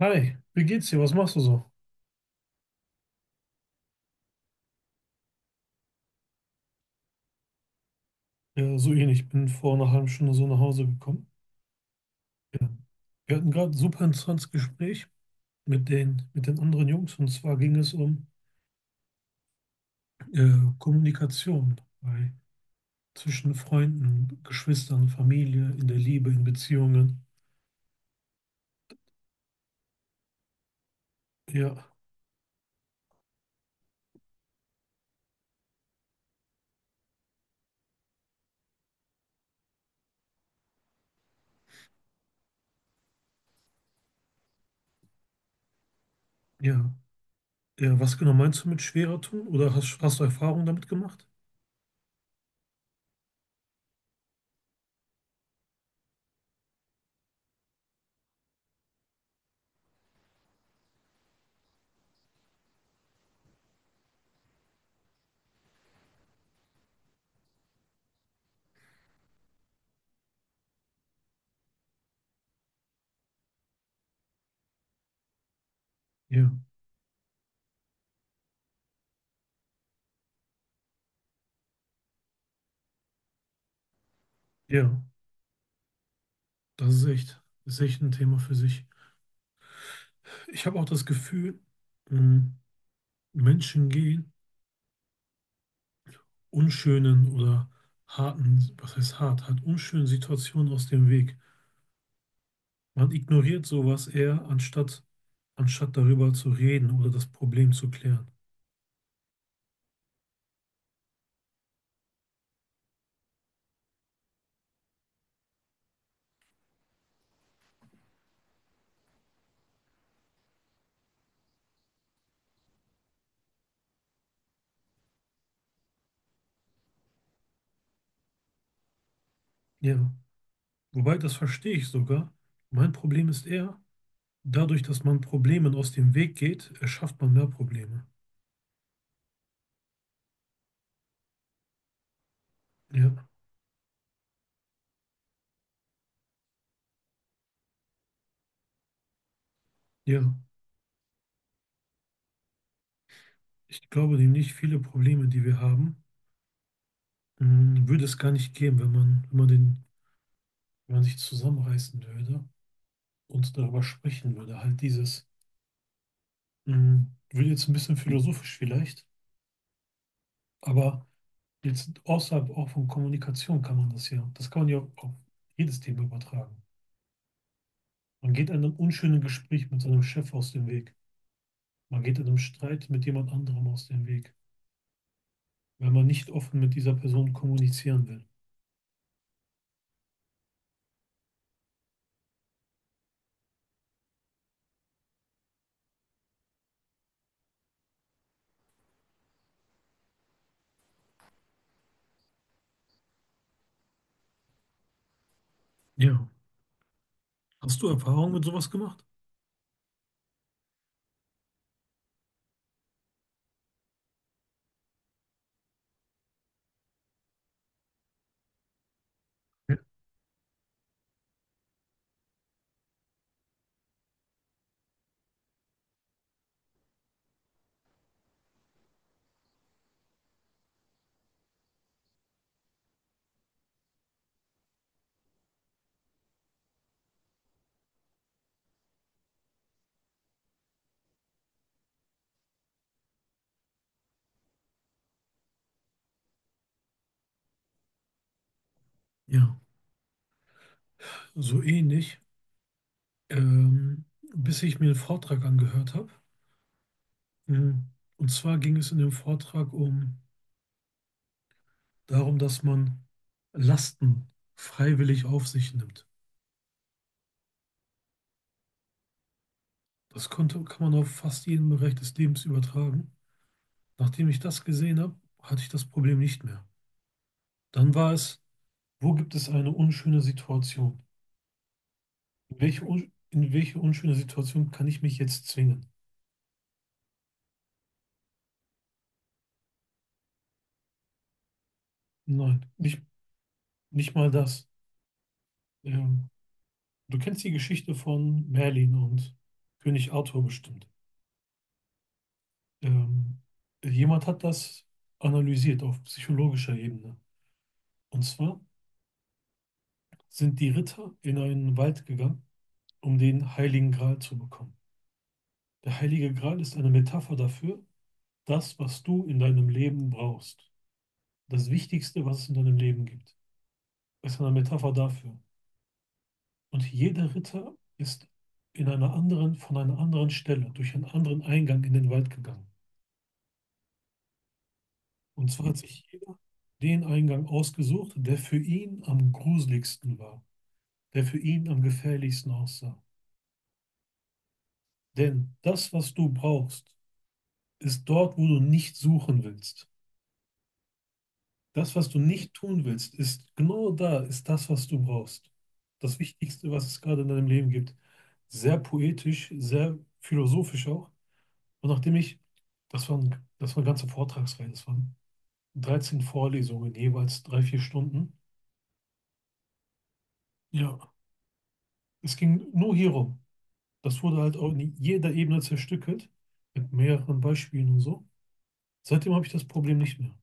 Hi, wie geht's dir? Was machst du so? Ja, so ähnlich. Ich bin vor einer halben Stunde so nach Hause gekommen. Ja. Wir hatten gerade ein super interessantes Gespräch mit den anderen Jungs und zwar ging es um Kommunikation bei, zwischen Freunden, Geschwistern, Familie, in der Liebe, in Beziehungen. Ja, ja, ja. Was genau meinst du mit schwerer tun? Oder hast du Erfahrungen damit gemacht? Ja, ja. Das ist echt ein Thema für sich. Ich habe auch das Gefühl, mh, Menschen gehen unschönen oder harten, was heißt hart, halt unschönen Situationen aus dem Weg. Man ignoriert sowas eher, anstatt darüber zu reden oder das Problem zu klären. Ja, wobei das verstehe ich sogar. Mein Problem ist eher, dadurch, dass man Problemen aus dem Weg geht, erschafft man mehr Probleme. Ja, ja. Ich glaube nämlich, viele Probleme, die wir haben, würde es gar nicht geben, wenn man sich zusammenreißen würde und darüber sprechen würde. Halt dieses wird jetzt ein bisschen philosophisch vielleicht, aber jetzt außerhalb auch von Kommunikation kann man das ja, das kann man ja auf jedes Thema übertragen. Man geht einem unschönen Gespräch mit seinem Chef aus dem Weg. Man geht einem Streit mit jemand anderem aus dem Weg, wenn man nicht offen mit dieser Person kommunizieren will. Ja. Hast du Erfahrung mit sowas gemacht? Ja. Ja, so ähnlich, ähm, bis ich mir einen Vortrag angehört habe. Hm. Und zwar ging es in dem Vortrag um darum, dass man Lasten freiwillig auf sich nimmt. Kann man auf fast jeden Bereich des Lebens übertragen. Nachdem ich das gesehen habe, hatte ich das Problem nicht mehr. Dann war es, wo gibt es eine unschöne Situation? In welche unschöne Situation kann ich mich jetzt zwingen? Nein, nicht mal das. Ähm, du kennst die Geschichte von Merlin und König Arthur bestimmt. Ähm, jemand hat das analysiert auf psychologischer Ebene. Und zwar sind die Ritter in einen Wald gegangen, um den Heiligen Gral zu bekommen. Der Heilige Gral ist eine Metapher dafür, das, was du in deinem Leben brauchst. Das Wichtigste, was es in deinem Leben gibt, ist eine Metapher dafür. Und jeder Ritter ist in einer anderen, von einer anderen Stelle, durch einen anderen Eingang in den Wald gegangen. Und zwar hat sich jeder den Eingang ausgesucht, der für ihn am gruseligsten war, der für ihn am gefährlichsten aussah. Denn das, was du brauchst, ist dort, wo du nicht suchen willst. Das, was du nicht tun willst, ist genau da, ist das, was du brauchst. Das Wichtigste, was es gerade in deinem Leben gibt. Sehr poetisch, sehr philosophisch auch. Und das waren ganze Vortragsreihen, das waren 13 Vorlesungen, jeweils drei, vier Stunden. Ja, es ging nur hierum. Das wurde halt auch in jeder Ebene zerstückelt, mit mehreren Beispielen und so. Seitdem habe ich das Problem nicht mehr.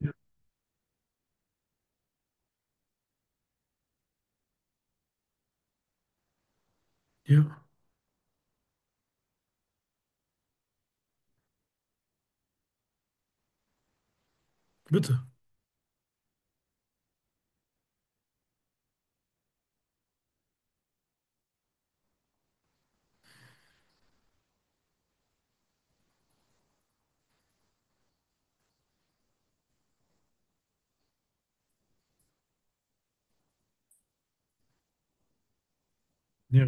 Ja, ja, bitte. Ja,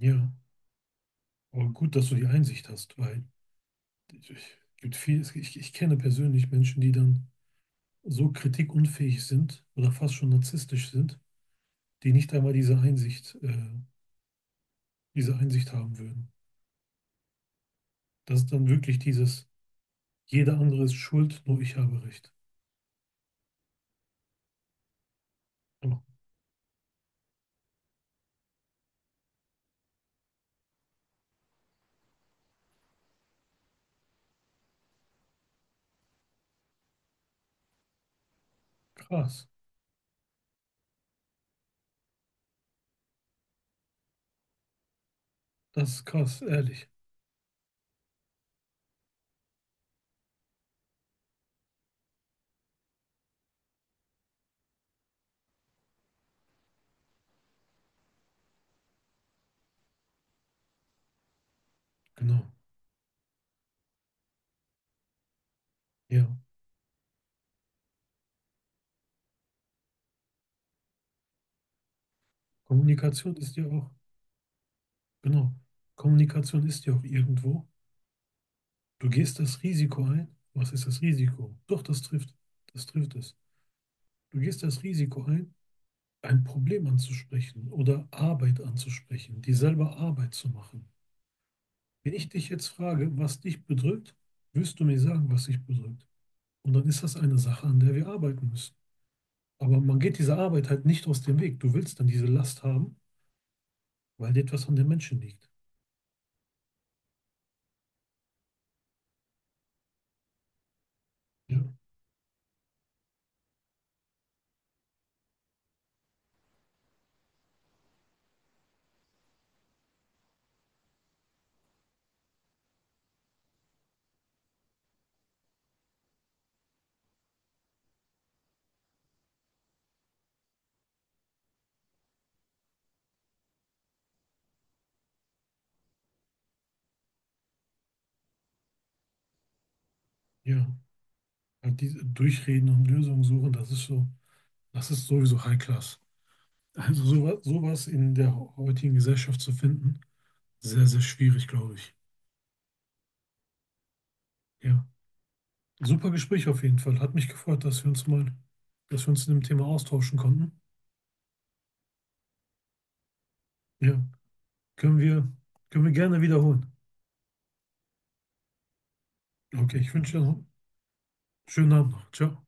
ja. Aber gut, dass du die Einsicht hast, weil ich, gibt viel, es- ich kenne persönlich Menschen, die dann so kritikunfähig sind oder fast schon narzisstisch sind, die nicht einmal diese diese Einsicht haben würden. Das ist dann wirklich dieses, jeder andere ist schuld, nur ich habe recht. Ja, krass, das ist krass, ehrlich. Genau, ja. Kommunikation ist ja auch, genau, Kommunikation ist ja auch irgendwo. Du gehst das Risiko ein. Was ist das Risiko? Doch, das trifft es. Du gehst das Risiko ein Problem anzusprechen oder Arbeit anzusprechen, dir selber Arbeit zu machen. Wenn ich dich jetzt frage, was dich bedrückt, wirst du mir sagen, was dich bedrückt. Und dann ist das eine Sache, an der wir arbeiten müssen. Aber man geht dieser Arbeit halt nicht aus dem Weg. Du willst dann diese Last haben, weil dir etwas an den Menschen liegt. Ja, ja. Halt diese Durchreden und Lösungen suchen, das ist so, das ist sowieso High Class. Also sowas, sowas in der heutigen Gesellschaft zu finden, sehr, sehr schwierig, glaube ich. Ja. Super Gespräch auf jeden Fall. Hat mich gefreut, dass wir uns mal, dass wir uns in dem Thema austauschen konnten. Ja, können wir, können wir gerne wiederholen. Okay, ich wünsche dir noch einen schönen Abend noch. Ciao.